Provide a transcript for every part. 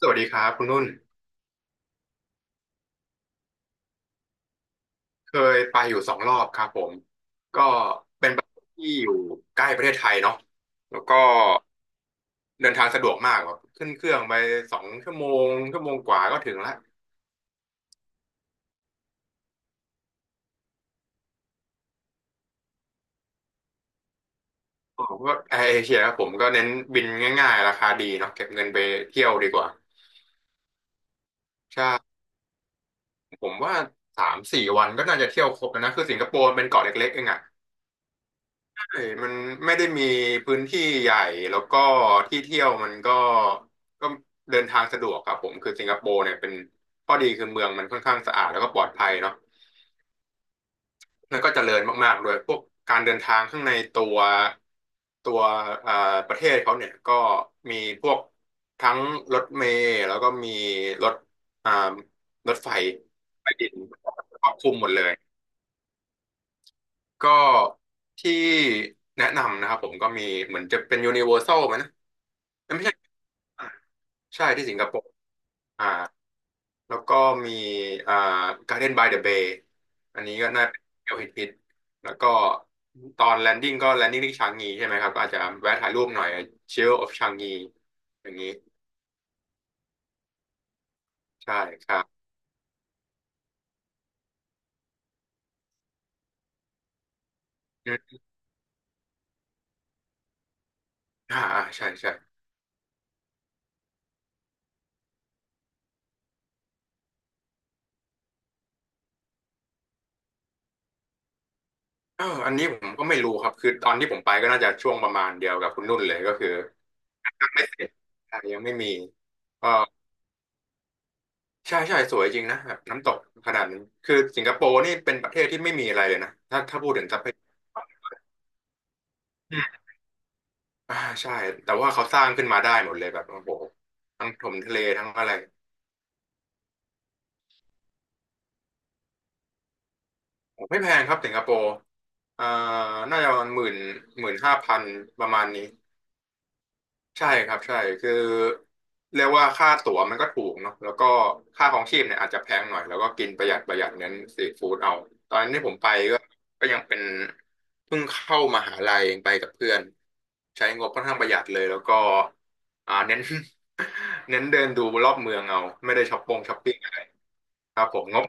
สวัสดีครับคุณนุ่นเคยไปอยู่2 รอบครับผมก็เป็นประเทศที่อยู่ใกล้ประเทศไทยเนาะแล้วก็เดินทางสะดวกมากแบบขึ้นเครื่องไป2 ชั่วโมงชั่วโมงกว่าก็ถึงละผมก็แอร์เอเชียครับผมก็เน้นบินง่ายๆราคาดีเนาะเก็บเงินไปเที่ยวดีกว่าใช่ผมว่า3-4 วันก็น่าจะเที่ยวครบแล้วนะคือสิงคโปร์มันเป็นเกาะเล็กๆเองอะ ใช่มันไม่ได้มีพื้นที่ใหญ่แล้วก็ที่เที่ยวมันก็ก็เดินทางสะดวกครับผมคือสิงคโปร์เนี่ยเป็นข้อดีคือเมืองมันค่อนข้างสะอาดแล้วก็ปลอดภัยเนาะแล้วก็เจริญมากๆด้วยพวกการเดินทางข้างในตัวเอ่อประเทศเขาเนี่ยก็มีพวกทั้งรถเมล์แล้วก็มีรถอ่ารถไฟใต้ดินครอบคลุมหมดเลยก็ที่แนะนำนะครับผมก็มีเหมือนจะเป็น Universal ไหมนะ แต่ไม่ใช่ใช่ที่สิงคโปร์อ่าแล้วก็มีอ่า Garden by the Bay อันนี้ก็น่าเป็นเที่ยวฮิตๆแล้วก็ตอนแลนดิ้งก็แลนดิ้งที่ชางงีใช่ไหมครับอาจจะแวะถ่ายรูปหน่อย s h i l d of ชางงีอย่างนี้ใช่ครับอืมอ่าอ่าใช่ใช่เอออันนี้ผมก็ไม่รู้ครับคือตอนที่ผมไปก็น่าจะช่วงประมาณเดียวกับคุณนุ่นเลยก็คือ ยังไม่มีก็ ใช่ใช่สวยจริงนะแบบน้ำตกขนาดนั้นคือสิงคโปร์นี่เป็นประเทศที่ไม่มีอะไรเลยนะถ้าพูดถึงทรัพยากรอืมอ่าใช่แต่ว่าเขาสร้างขึ้นมาได้หมดเลยแบบโอ้โหทั้งถมทะเลทั้งอะไรไม่แพงครับสิงคโปร์อ่าน่าจะประมาณหมื่น15,000ประมาณนี้ ใช่ครับใช่คือเรียกว่าค่าตั๋วมันก็ถูกเนาะแล้วก็ค่าของชีพเนี่ยอาจจะแพงหน่อยแล้วก็กินประหยัดประหยัดเน้นสตรีทฟู้ดเอาตอนนั้นที่ผมไปก็ยังเป็นเพิ่งเข้ามหาลัยเองไปกับเพื่อนใช้งบค่อนข้างประหยัดเลยแล้วก็เน้น เน้นเดินดูรอบเมืองเอาไม่ได้ช้อปปิ้งอะไรครับผมงบ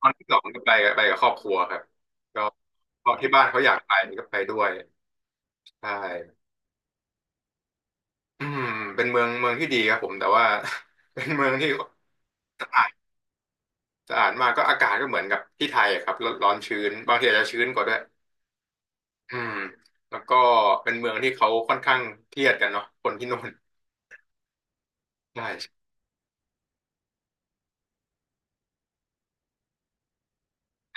ตอนที่สองเนี่ยไปกับครอบครัวครับก็พอที่บ้านเขาอยากไปก็ไปด้วยใช่ อืมเป็นเมืองเมืองที่ดีครับผมแต่ว่า เป็นเมืองที่ สะอาดสะอาดมากก็อากาศก็เหมือนกับที่ไทยอะครับร้อนร้อนชื้นบางทีอาจจะชื้นกว่าด้วยอืมแล้วก็เป็นเมืองที่เขาค่อนข้างเครียดกันเนาะคนที่นู่นใช่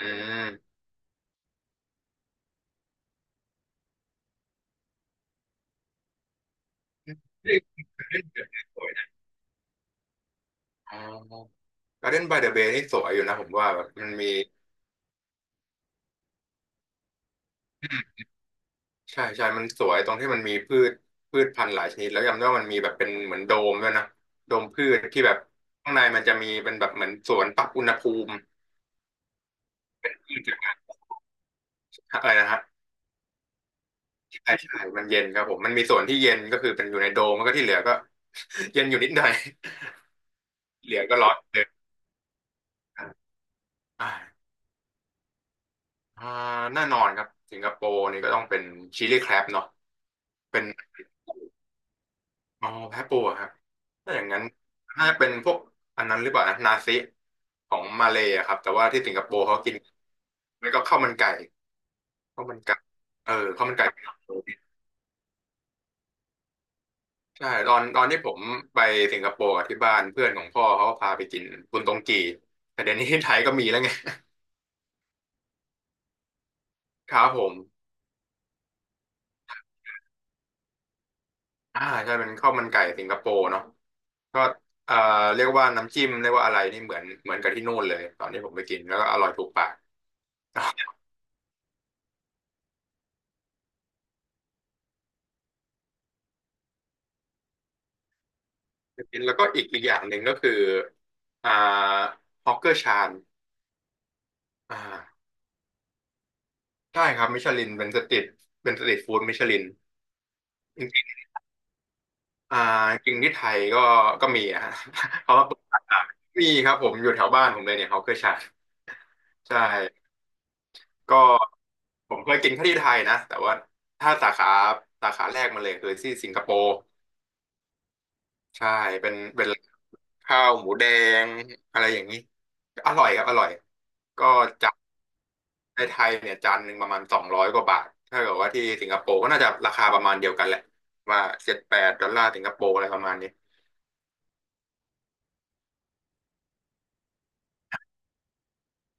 อืมนอ๋อการ์เดนบายเดอะเบย์นี่สวยอยู่นะผมว่าแบบมันมีใช่ใช่มันสวยตรงที่มันมีพืชพันธุ์หลายชนิดแล้วจำได้ว่ามันมีแบบเป็นเหมือนโดมด้วยนะโดมพืชที่แบบข้างในมันจะมีเป็นแบบเหมือนสวนปรับอุณหภูมิ อะไรนะฮะใช่ใช่มันเย็นครับผมมันมีส่วนที่เย็นก็คือเป็นอยู่ในโดมแล้วก็ที่เหลือก็ เย็นอยู่นิดหน่อย เหลือก็ร้อนเลยอ่าอ่าแน่นอนครับสิงคโปร์นี่ก็ต้องเป็นชิลลี่แครบเนาะเป็นอ๋อแพะปูอะครับถ้าอย่างนั้นน่าจะเป็นพวกอันนั้นหรือเปล่านะ นาซิของมาเลย์อะครับ แต่ว่าที่สิงคโปร์เขากินแล้วก็ข้าวมันไก่ข้าวมันไก่เออข้าวมันไก่ ใช่ตอนที่ผมไปสิงคโปร์กับที่บ้านเพื่อนของพ่อเขาก็พาไปกินบุนตงกีแต่เดี๋ยวนี้ที่ไทยก็มีแล้วไง ครับผมใช่เป็นข้าวมันไก่สิงคโปร์เนาะก็เอ่อเรียกว่าน้ำจิ้มเรียกว่าอะไรนี่เหมือนกับที่นู่นเลยตอนที่ผมไปกินแล้วก็อร่อยถูกปาก ไปกินแล้วก็อีกอย่างหนึ่งก็คืออ่าฮอกเกอร์ชานอ่าใช่ครับมิชลินเป็นสตรีทฟู้ดมิชลิน อ่าจริงที่ไทยก็มีอะฮะ เขาว่าเปิดรานมีครับผมอยู่แถวบ้านผมเลยเนี่ยเขาเคยฉายใช่ก็ผมเคยกินแค่ที่ไทยนะแต่ว่าถ้าสาขาแรกมาเลยคือที่สิงคโปร์ใช่เป็นข้าวหมูแดงอะไรอย่างนี้อร่อยครับอร่อยก็จานในไทยเนี่ยจานหนึ่งประมาณ200 กว่าบาทถ้าเกิดว่าที่สิงคโปร์ก็น่าจะราคาประมาณเดียวกันแหละว่า7-8 ดอลลาร์สิงคโปร์อะไรประมาณนี้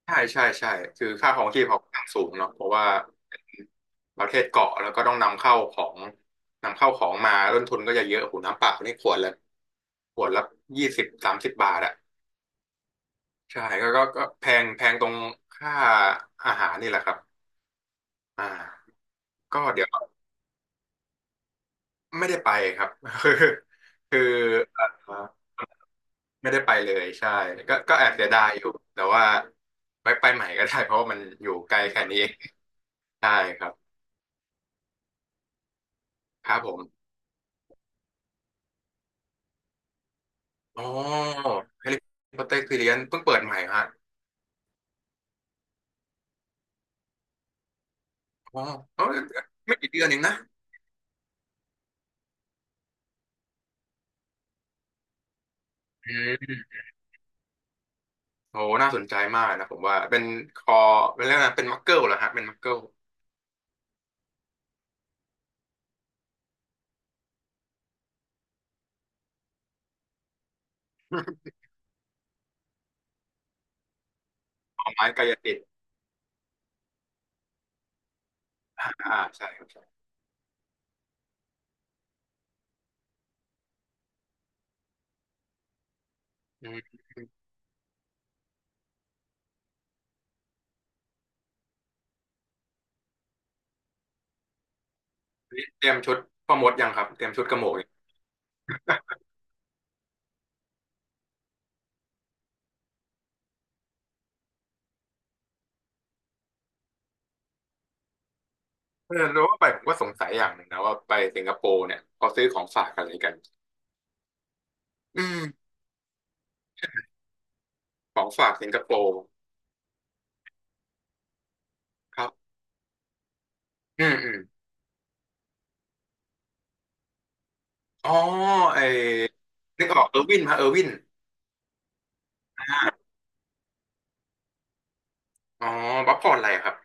ใช่ใช่ใช่คือค่าครองชีพเขาค่างสูงเนาะเพราะว่าประเทศเกาะแล้วก็ต้องนำเข้าของมาต้นทุนก็จะเยอะหูน้ำเปล่านี่ขวดละ20-30 บาทอะใช่ก็แพงแพงตรงค่าอาหารนี่แหละครับอ่าก็เดี๋ยวไม่ได้ไปครับ คือคือเอ่อไม่ได้ไปเลยใช่ก็แอบเสียดายอยู่แต่ว่าไปใหม่ก็ได้เพราะว่ามันอยู่ไกลแค่นี้เองใช่ครับครับผม อ๋อแฮร์รี่พอตเตอร์คือเรียนเพิ่งเปิดใหม่ฮะอ๋อเอ้ยไม่กี่เดือนเองนะอืมโอน่าสนใจมากนะผมว่าเป็นคอเป็นเรื่องนะไรเป็นมักเกิลเหรอฮะเป็นมักเกิลเอาไม้กายสิทธิ์อ่าใช่ครับใช่อืมนี่เตรียมชุดพ่อมดยังครับเตรียมชุดกระโหมกยังเออแล้วว่าไปผมก็สงสัยอย่างหนึ่งนะว่าไปสิงคโปร์เนี่ยเขาซื้อของฝากอะไรกันอืมของฝากสิงคโปร์ครับอืมอืมอ๋อไอ้นึกออกเออร์วินฮะเออร์วินอาอ๋อป๊อปคอร์นอะไรครับ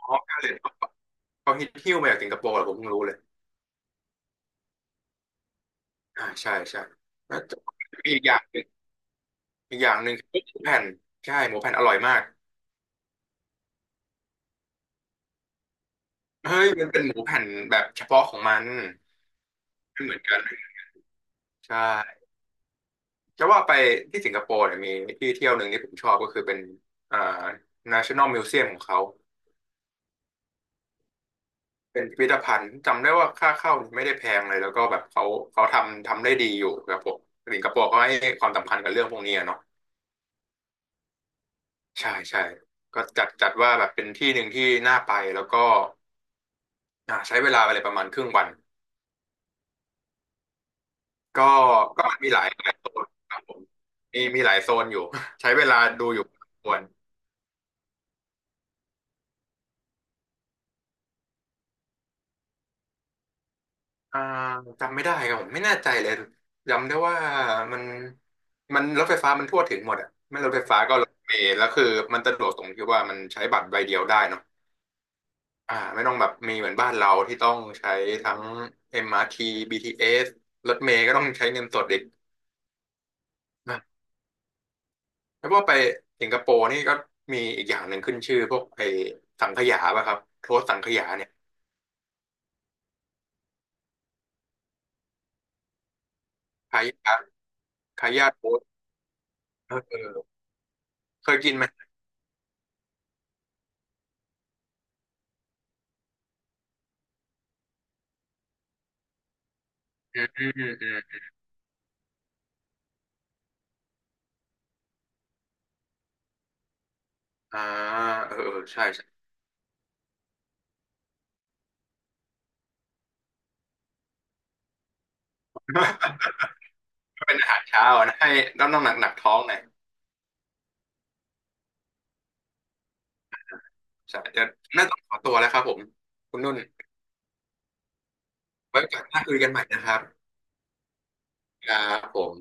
อ๋อเกาหลีเขาฮิตหิ้วมาจากสิงคโปร์เหรอผมเพิ่งรู้เลยอ่าใช่ใช่แล้วมีอีกอย่างหนึ่งอีกอย่างหนึ่งคือหมูแผ่นใช่หมูแผ่นอร่อยมากเฮ้ยมันเป็นหมูแผ่นแบบเฉพาะของมันไม่เหมือนกันใช่จะว่าไปที่สิงคโปร์เนี่ยมีที่เที่ยวหนึ่งที่ผมชอบก็คือเป็นอ่า National Museum ของเขาเป็นพิพิธภัณฑ์จำได้ว่าค่าเข้าไม่ได้แพงเลยแล้วก็แบบเขาทำได้ดีอยู่ครับผมสิงคโปร์เขาให้ความสำคัญกับเรื่องพวกนี้อะเนาะ ใช่ใช่ก็จัดว่าแบบเป็นที่หนึ่งที่น่าไปแล้วก็ใช้เวลาไปเลยประมาณครึ่งวันก็ก็มันมีหลายโซนครับผมมีหลายโซนอยู่ ใช้เวลาดูอยู่พอสมควรอ่าจำไม่ได้ครับผมไม่แน่ใจเลยจำได้ว่ามันมันรถไฟฟ้ามันทั่วถึงหมดอ่ะไม่รถไฟฟ้าก็รถเมล์แล้วคือมันสะดวกตรงที่ว่ามันใช้บัตรใบเดียวได้เนาะไม่ต้องแบบมีเหมือนบ้านเราที่ต้องใช้ทั้ง MRT BTS รทีบีทีเอสรถเมล์ก็ต้องใช้เงินสดอีก แล้วพวาไปสิงคโปร์นี่ก็มีอีกอย่างหนึ่งขึ้นชื่อพวกไอ้สังขยาป่ะครับโทษสังขยาเนี่ยคายาคายาโทษเออเออเคยกินไหมอืมอืมอืมอ่าเออเออใช่ใช่ เป็นอาหารเช้าอะนะให้ต้องหนักหนักท้องหน่อยใช่จะน่าต้องขอตัวแล้วครับผมคุณนุ่นไว้โอกันหน้าคุยกันใหม่นะครับครับผม